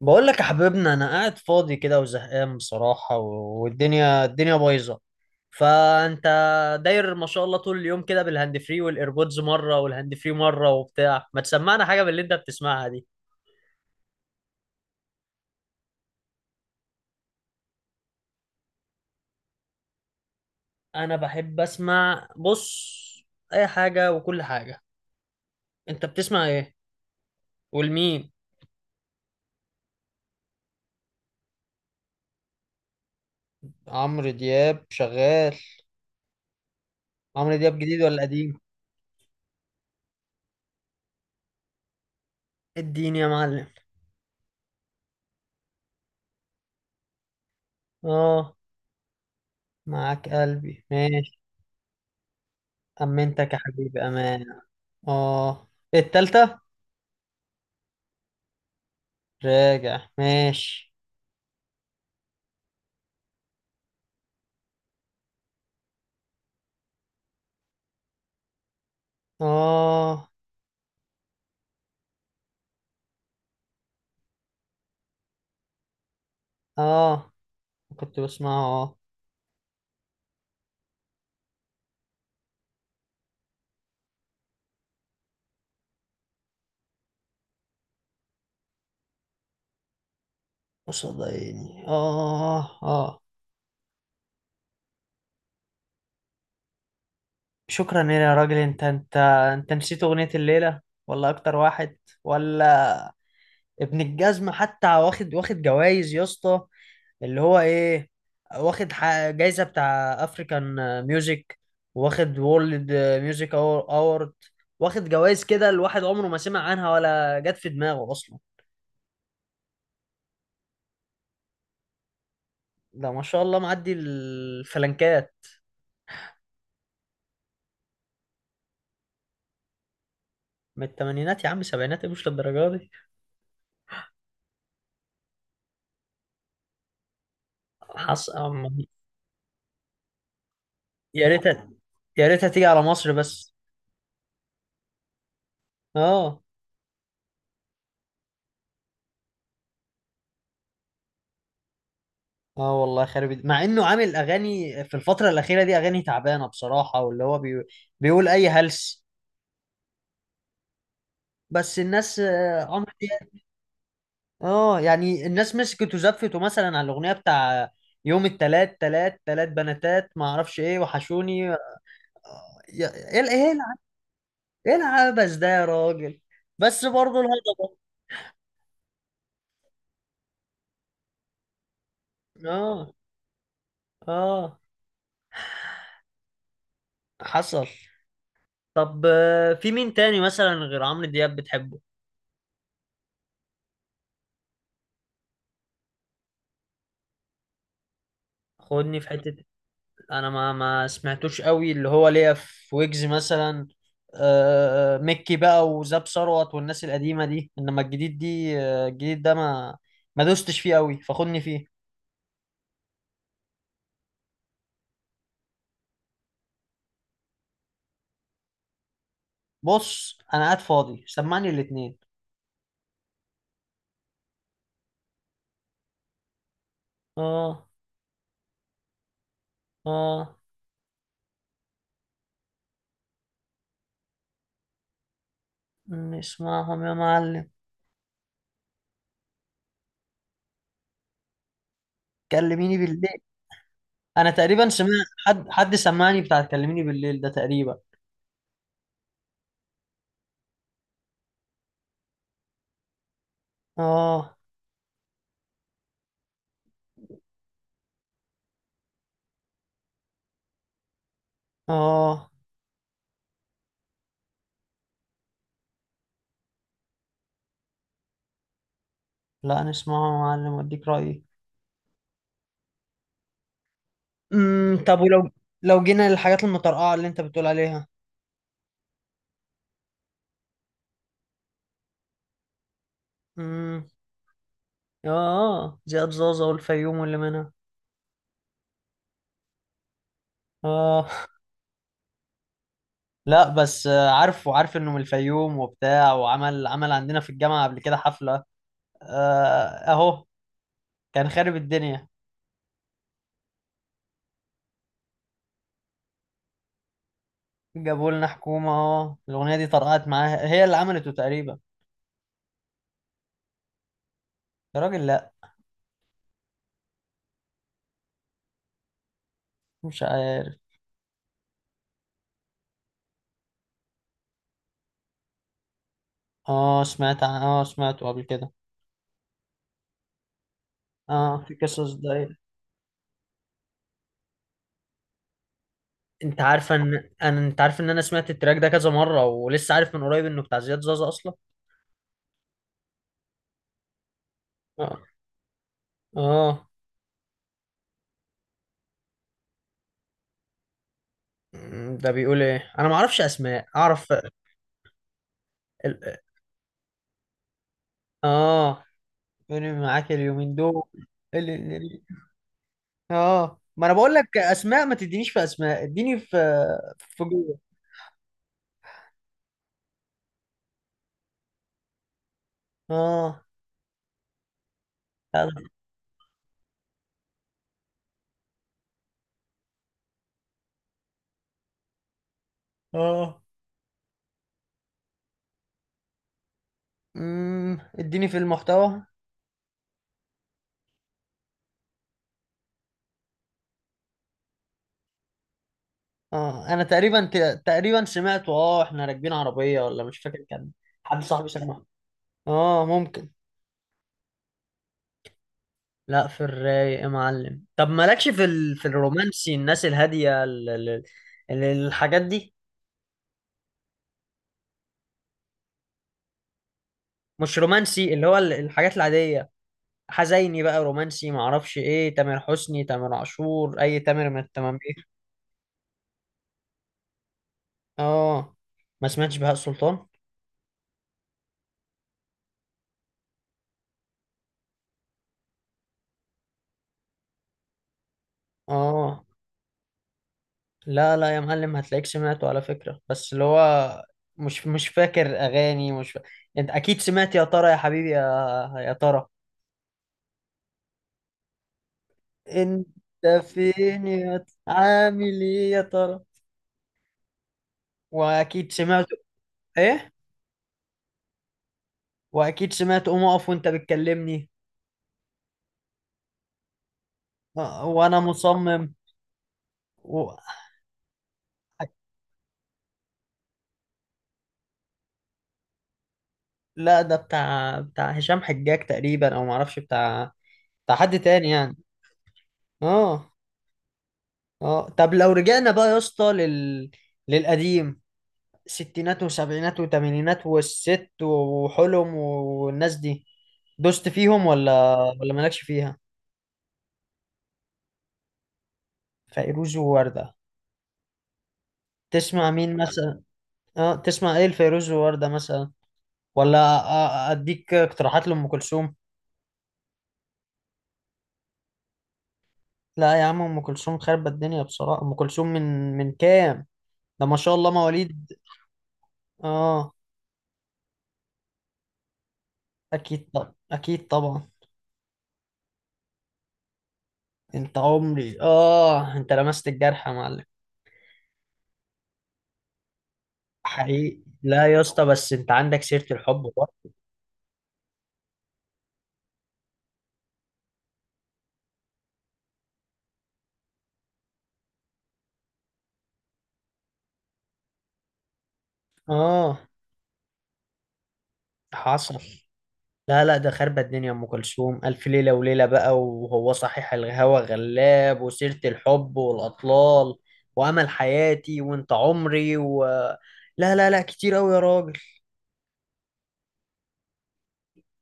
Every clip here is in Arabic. بقول لك يا حبيبنا، انا قاعد فاضي كده وزهقان بصراحة، والدنيا بايظة. فانت داير ما شاء الله طول اليوم كده بالهاند فري والايربودز مرة والهاند فري مرة وبتاع، ما تسمعنا حاجة باللي انت بتسمعها دي؟ انا بحب اسمع، بص، اي حاجة وكل حاجة. انت بتسمع ايه والمين؟ عمرو دياب شغال؟ عمرو دياب جديد ولا قديم؟ اديني يا معلم. اه. معاك قلبي ماشي. أمنتك يا حبيبي أمان. آه. التالتة. راجع ماشي. آه آه. كنت بسمع آه. قصاد عيني، آه آه. شكرا يا راجل. أنت نسيت أغنية الليلة؟ ولا أكتر واحد، ولا ابن الجزمة حتى؟ واخد جوايز يا اسطى، اللي هو ايه، واخد جايزة بتاع افريكان ميوزك، واخد وورلد ميوزك اورد، واخد جوائز كده الواحد عمره ما سمع عنها ولا جت في دماغه اصلا. ده ما شاء الله معدي الفلنكات. من الثمانينات يا عم، سبعينات مش للدرجة دي. حص... أم- يا ريتها، يا ريتها تيجي على مصر بس. اه. اه والله، مع انه عامل اغاني في الفترة الأخيرة دي اغاني تعبانة بصراحة، واللي هو بيقول اي هلس. بس الناس عمرو دياب. اه يعني الناس مسكت وزفته مثلا على الاغنيه بتاع يوم التلات تلات تلات بناتات، ما اعرفش ايه، وحشوني. ايه ايه العبث ده يا راجل؟ بس برضه الهضبه. اه اه حصل. طب في مين تاني مثلا غير عمرو دياب بتحبه؟ خدني في حته. انا ما سمعتوش قوي، اللي هو ليا في ويجز مثلا. مكي بقى وزاب ثروت والناس القديمه دي، انما الجديد دي، الجديد ده ما دوستش فيه قوي، فخدني فيه. بص انا قاعد فاضي، سمعني الاتنين. اه اه نسمعهم يا معلم. كلميني بالليل. انا تقريبا سمعت. حد سمعني بتاع كلميني بالليل ده تقريبا. اه اه. لا نسمعه يا معلم واديك رايي. امم. طب لو جينا للحاجات المترقعة اللي انت بتقول عليها. امم. اه زياد زوزة والفيوم واللي منها. اه. لا بس عارف، وعارف انه من الفيوم وبتاع، وعمل عندنا في الجامعة قبل كده حفلة. آه اهو كان خارب الدنيا. جابوا لنا حكومة، اه الأغنية دي طرقعت معاها، هي اللي عملته تقريبا. يا راجل، لا. مش عارف. اه سمعت اه سمعته قبل كده. اه في قصص ده. انت عارفه ان، انا، انت عارف ان انا سمعت التراك ده كذا مره، ولسه عارف من قريب انه بتاع زياد زازا اصلا. اه اه. ده بيقول ايه؟ انا ما اعرفش اسماء، اعرف ال... اه. مين معاك اليومين دول. ال... ال... اه ما انا بقول لك اسماء ما تدينيش في اسماء، اديني في، في جوه. اه اه. اديني في المحتوى. اه انا تقريبا تقريبا سمعته، اه احنا راكبين عربيه ولا، مش فاكر. كان حد صاحبي سمعه. اه ممكن. لا في الرايق يا معلم، طب مالكش في ال... في الرومانسي، الناس الهادية ال... ال... الحاجات دي، مش رومانسي، اللي هو الحاجات العادية، حزيني بقى، رومانسي، معرفش ايه، تامر حسني، تامر عاشور، اي تامر من التمامير. اه ما سمعتش بهاء سلطان. اه لا لا يا معلم، هتلاقيك سمعته على فكرة، بس اللي هو مش فاكر اغاني، مش فا... انت اكيد سمعت، يا ترى يا حبيبي يا، يا ترى، انت فين عامل ايه يا ترى. واكيد سمعت ايه. واكيد سمعت قوم اقف وانت بتكلمني. وانا مصمم. و... لا ده بتاع هشام حجاج تقريبا، او معرفش بتاع حد تاني يعني. اه اه. طب لو رجعنا بقى يا اسطى لل... للقديم، ستينات وسبعينات وثمانينات والست وحلم والناس دي، دوست فيهم ولا مالكش فيها؟ فيروز ووردة. تسمع مين مثلا؟ اه تسمع ايه الفيروز ووردة مثلا، ولا أ- اديك اقتراحات لأم كلثوم؟ لا يا عم، أم كلثوم خربت الدنيا بصراحة. أم كلثوم من كام ده ما شاء الله مواليد. اه. اكيد طبعا، اكيد طبعا. انت عمري. اه انت لمست الجرح يا معلم. حقيقي، لا يا اسطى، بس انت عندك سيرة الحب برضه. اه حصل. لا لا ده خربت الدنيا ام كلثوم، الف ليله وليله بقى، وهو صحيح الهوى غلاب، وسيره الحب، والاطلال، وامل حياتي، وانت عمري، و... لا لا لا، كتير قوي يا راجل.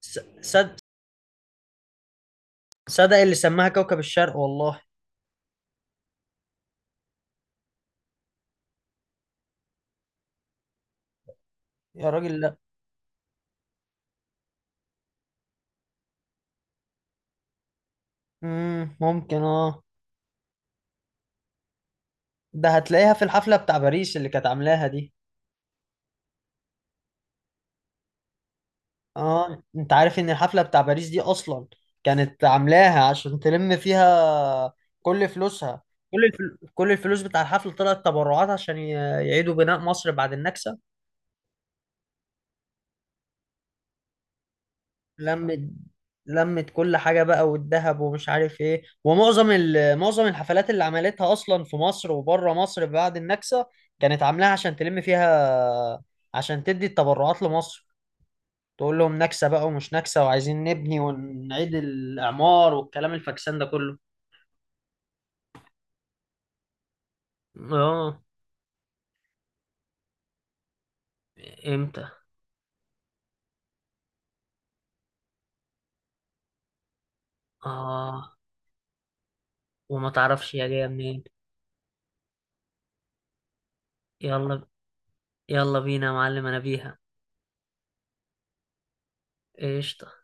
ص- صد صدق اللي سماها كوكب الشرق والله. يا راجل، لا. ممكن. اه. ده هتلاقيها في الحفله بتاع باريس اللي كانت عاملاها دي. اه انت عارف ان الحفلة بتاع باريس دي اصلا، كانت عاملاها عشان تلم فيها كل فلوسها، كل الفل... كل الفلوس بتاع الحفلة طلعت تبرعات عشان يعيدوا بناء مصر بعد النكسة. لمت لمت كل حاجة بقى، والذهب، ومش عارف ايه، ومعظم ال... معظم الحفلات اللي عملتها اصلا في مصر وبره مصر بعد النكسة، كانت عاملاها عشان تلم فيها، عشان تدي التبرعات لمصر. تقول لهم نكسة بقى ومش نكسة، وعايزين نبني ونعيد الإعمار والكلام الفاكسان ده كله. اه. امتى. اه. وما تعرفش يا جايه منين. يلا، يلا بينا يا معلم انا بيها. ايش.